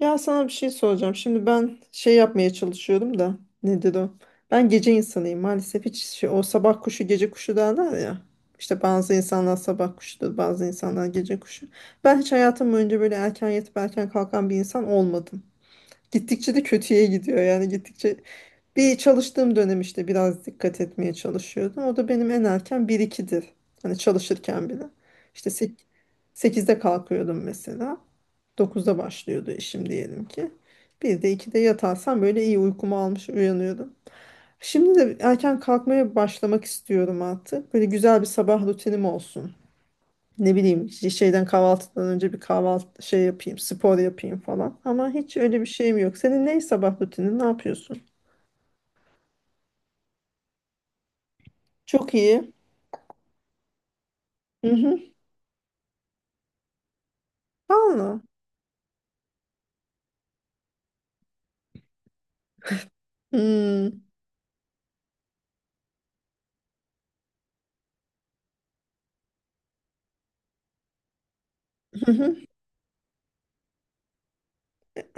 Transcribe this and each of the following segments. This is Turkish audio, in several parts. Ya sana bir şey soracağım. Şimdi ben şey yapmaya çalışıyorum da nedir o? Ben gece insanıyım maalesef, hiç o sabah kuşu gece kuşu derler ya. İşte bazı insanlar sabah kuşudur, bazı insanlar gece kuşu. Ben hiç hayatım boyunca böyle erken yatıp erken kalkan bir insan olmadım. Gittikçe de kötüye gidiyor, yani bir çalıştığım dönem işte biraz dikkat etmeye çalışıyordum. O da benim en erken 1-2'dir. Hani çalışırken bile. İşte sek- 8'de kalkıyordum mesela. Dokuzda başlıyordu işim diyelim ki. Bir de 2'de yatarsam böyle iyi uykumu almış uyanıyordum. Şimdi de erken kalkmaya başlamak istiyorum artık. Böyle güzel bir sabah rutinim olsun. Ne bileyim işte kahvaltıdan önce bir kahvaltı yapayım, spor yapayım falan. Ama hiç öyle bir şeyim yok. Senin ne sabah rutinin, ne yapıyorsun? Çok iyi. Mhm. Valla. Hmm. Hı hı.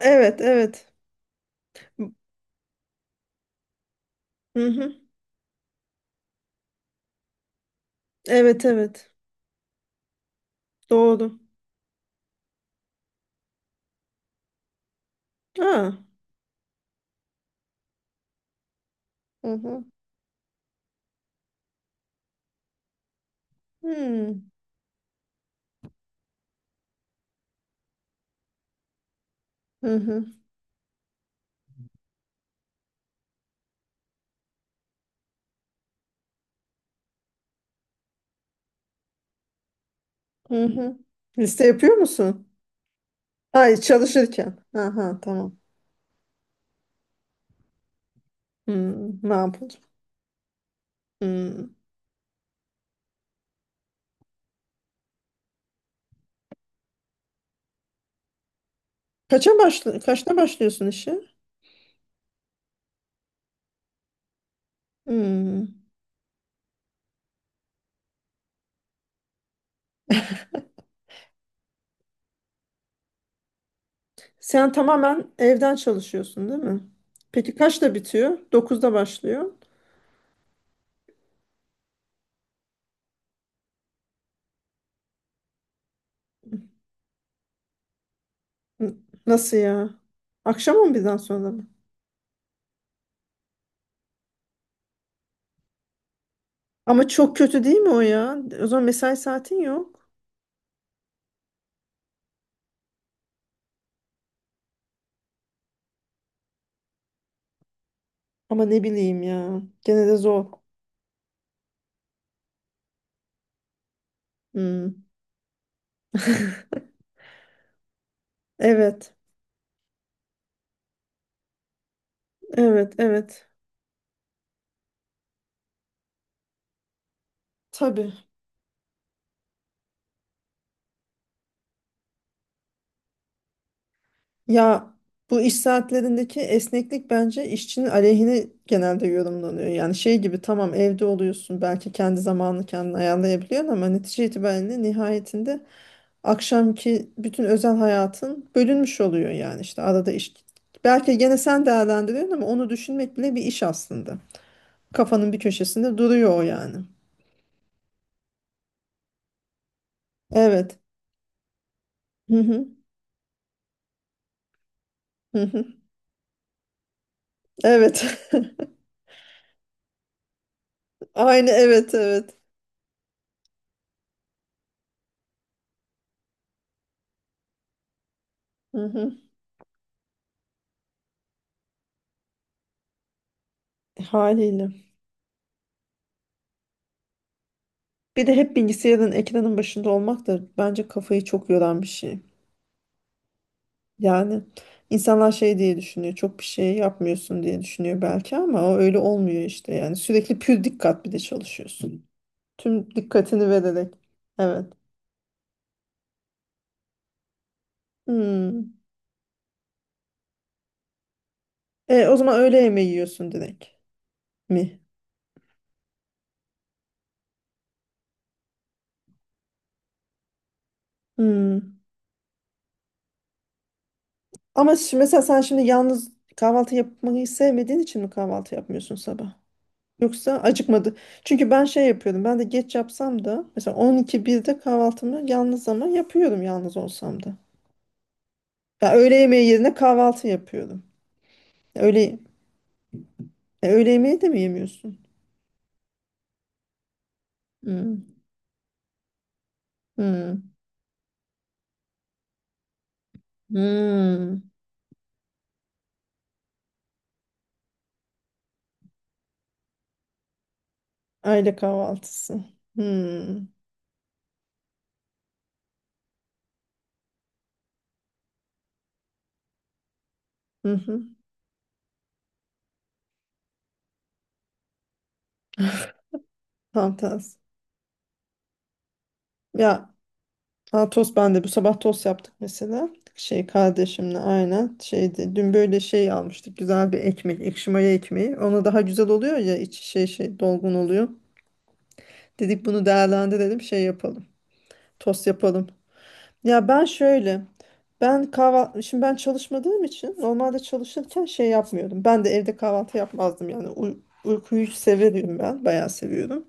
Evet, evet. Hı hı. Evet, evet. Doğru. Ha. Hı hı. Hmm. Hı hı. Hı hı. Liste yapıyor musun? Ay, çalışırken. Aha, tamam. Hmm. Makul. Hmm. Kaça başla kaçta başlıyorsun işe? Hmm. Sen tamamen evden çalışıyorsun, değil mi? Peki kaçta bitiyor? Dokuzda başlıyor. N- Nasıl ya? Akşam 11'den sonra mı? Ama çok kötü değil mi o ya? O zaman mesai saatin yok. Ama ne bileyim ya. Gene de zor. Hmm. Evet. Evet. Evet. Tabii. Ya, bu iş saatlerindeki esneklik bence işçinin aleyhine genelde yorumlanıyor. Yani şey gibi, tamam evde oluyorsun, belki kendi zamanını kendin ayarlayabiliyorsun, ama netice itibariyle, nihayetinde akşamki bütün özel hayatın bölünmüş oluyor, yani işte arada iş. Belki gene sen değerlendiriyorsun ama onu düşünmek bile bir iş aslında. Kafanın bir köşesinde duruyor o yani. Evet. Hı hı. Hı hı. Evet. Aynı, evet evet. Hı hı. Haliyle. Bir de hep bilgisayarın, ekranın başında olmak da bence kafayı çok yoran bir şey. Yani insanlar şey diye düşünüyor. Çok bir şey yapmıyorsun diye düşünüyor belki, ama o öyle olmuyor işte. Yani sürekli pür dikkat, bir de çalışıyorsun. Tüm dikkatini vererek. Evet. Hmm. O zaman öğle yemeği yiyorsun direkt mi? Hmm. Ama mesela sen şimdi yalnız kahvaltı yapmayı sevmediğin için mi kahvaltı yapmıyorsun sabah? Yoksa acıkmadı. Çünkü ben şey yapıyordum. Ben de geç yapsam da, mesela 12-1'de kahvaltımı yalnız ama yapıyorum, yalnız olsam da. Ya, öğle yemeği yerine kahvaltı yapıyordum. Ya Öğle, ya öğle yemeği de mi yemiyorsun? Hmm. Hmm. Hmm. Aile kahvaltısı. Hmm. Hı hı. Tam tersi. Ya Ha, tost ben de bu sabah tost yaptık mesela. Kardeşimle aynen şeydi. Dün böyle şey almıştık, güzel bir ekmek, ekşi maya ekmeği. Ona daha güzel oluyor ya, içi dolgun oluyor. Dedik bunu değerlendirelim, şey yapalım. Tost yapalım. Ya ben şöyle ben kahvaltı şimdi ben çalışmadığım için, normalde çalışırken şey yapmıyordum. Ben de evde kahvaltı yapmazdım yani. Uykuyu severim, ben bayağı seviyorum.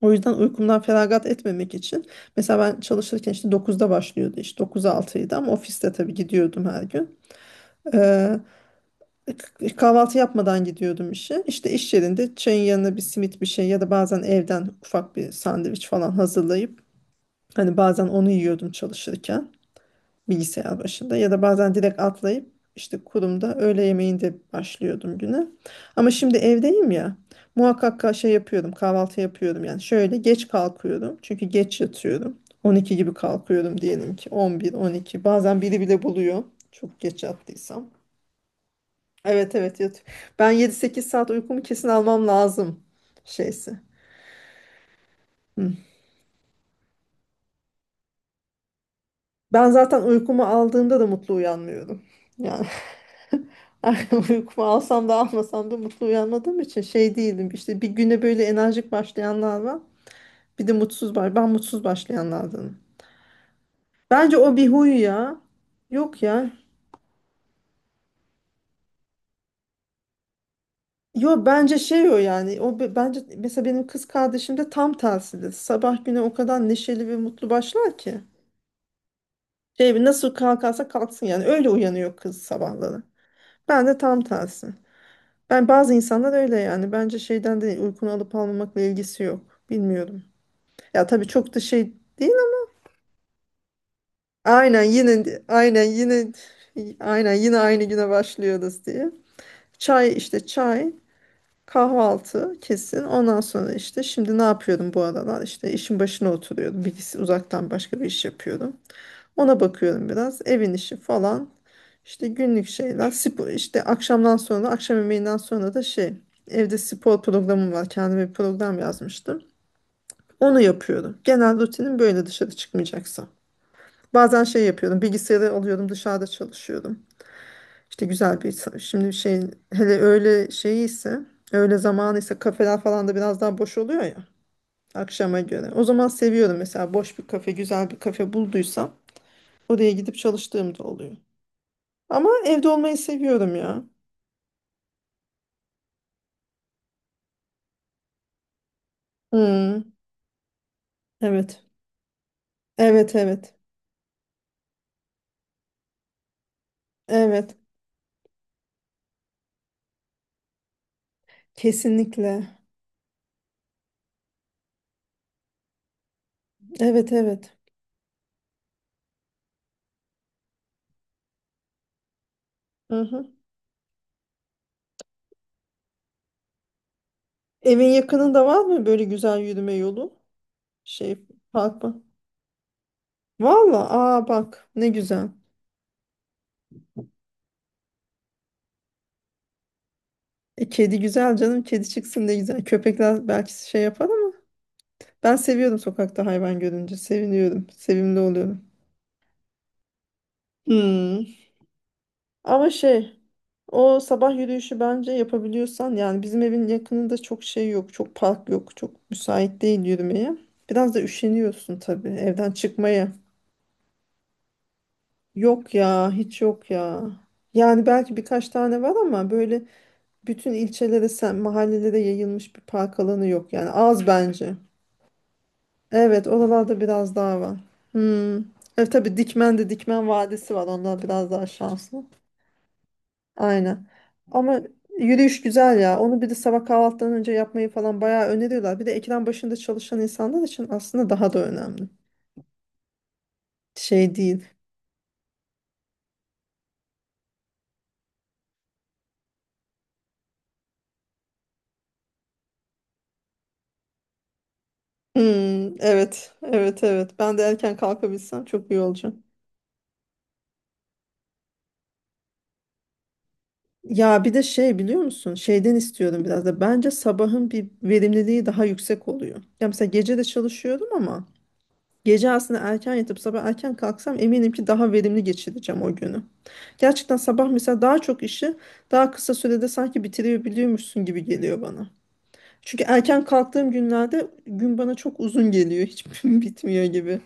O yüzden uykumdan feragat etmemek için, mesela ben çalışırken işte dokuzda başlıyordu iş, 9'a altıydı, ama ofiste tabii gidiyordum her gün. Ee, Kahvaltı yapmadan gidiyordum işe. İşte iş yerinde çayın yanına bir simit bir şey, ya da bazen evden ufak bir sandviç falan hazırlayıp, hani bazen onu yiyordum çalışırken, bilgisayar başında, ya da bazen direkt atlayıp işte kurumda öğle yemeğinde başlıyordum güne. Ama şimdi evdeyim ya, muhakkak ka- şey yapıyorum kahvaltı yapıyorum. Yani şöyle, geç kalkıyorum çünkü geç yatıyorum. 12 gibi kalkıyorum, diyelim ki 11, 12, bazen biri bile buluyor çok geç yattıysam. Evet evet, yat. Ben 7-8 saat uykumu kesin almam lazım şeysi. Hı. Ben zaten uykumu aldığımda da mutlu uyanmıyorum. Yani uykumu alsam da almasam da mutlu uyanmadığım için şey değilim. İşte bir güne böyle enerjik başlayanlar var. Bir de mutsuz var. Ben mutsuz başlayanlardanım. Bence o bir huy ya. Yok ya. Yo, bence şey o yani. Bence mesela benim kız kardeşim de tam tersidir. Sabah güne o kadar neşeli ve mutlu başlar ki. Şey nasıl kalkarsa kalksın yani. Öyle uyanıyor kız sabahları. Ben de tam tersi. Bazı insanlar öyle yani. Bence şeyden değil, uykunu alıp almamakla ilgisi yok. Bilmiyorum. Ya tabii çok da şey değil, ama aynen yine aynı güne başlıyoruz diye. Çay, işte çay, kahvaltı kesin. Ondan sonra işte, şimdi ne yapıyordum bu aralar? İşte işin başına oturuyordum. Bilgisi, uzaktan başka bir iş yapıyordum. Ona bakıyorum biraz. Evin işi falan. İşte günlük şeyler. Spor, işte akşamdan sonra, akşam yemeğinden sonra da evde spor programım var. Kendime bir program yazmıştım. Onu yapıyorum. Genel rutinim böyle, dışarı çıkmayacaksa. Bazen şey yapıyordum, bilgisayarı alıyordum, dışarıda çalışıyordum. İşte güzel bir, hele öğle öğle zamanı ise kafeler falan da biraz daha boş oluyor ya, akşama göre. O zaman seviyorum mesela, boş bir kafe, güzel bir kafe bulduysam oraya gidip çalıştığım da oluyor. Ama evde olmayı seviyorum ya. Hmm, evet. Evet, evet. Evet. Kesinlikle. Evet, evet. Hı hı. Evin yakınında var mı böyle güzel yürüme yolu? Şey, park mı? Valla, aa bak ne güzel. Kedi güzel canım, kedi çıksın ne güzel. Köpekler belki şey yapar, ama ben seviyordum, sokakta hayvan görünce seviniyorum. Sevimli oluyorum. Hmm. Ama o sabah yürüyüşü bence yapabiliyorsan, yani bizim evin yakınında çok şey yok. Çok park yok. Çok müsait değil yürümeye. Biraz da üşeniyorsun tabii evden çıkmaya. Yok ya, hiç yok ya. Yani belki birkaç tane var ama böyle, bütün ilçelere, sen, mahallelere yayılmış bir park alanı yok yani, az bence. Evet, oralarda biraz daha var. Hmm. Evet tabii, Dikmen'de Dikmen Vadisi var. Onlar biraz daha şanslı. Aynen. Ama yürüyüş güzel ya. Onu bir de sabah kahvaltıdan önce yapmayı falan bayağı öneriyorlar. Bir de ekran başında çalışan insanlar için aslında daha da önemli. Şey değil. Hmm, evet, evet, evet. Ben de erken kalkabilsem çok iyi olacak. Ya bir de şey biliyor musun? Şeyden istiyorum biraz da. Bence sabahın bir verimliliği daha yüksek oluyor. Ya mesela gece de çalışıyorum, ama gece aslında erken yatıp sabah erken kalksam, eminim ki daha verimli geçireceğim o günü. Gerçekten sabah mesela daha çok işi daha kısa sürede sanki bitirebiliyormuşsun gibi geliyor bana. Çünkü erken kalktığım günlerde gün bana çok uzun geliyor. Hiç bitmiyor gibi.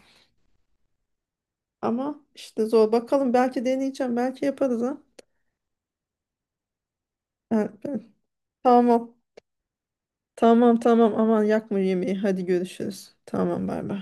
Ama işte zor. Bakalım, belki deneyeceğim. Belki yaparız ha. Ben- ben- Tamam. Tamam tamam, aman yakma yemeği. Hadi görüşürüz. Tamam, bay bay.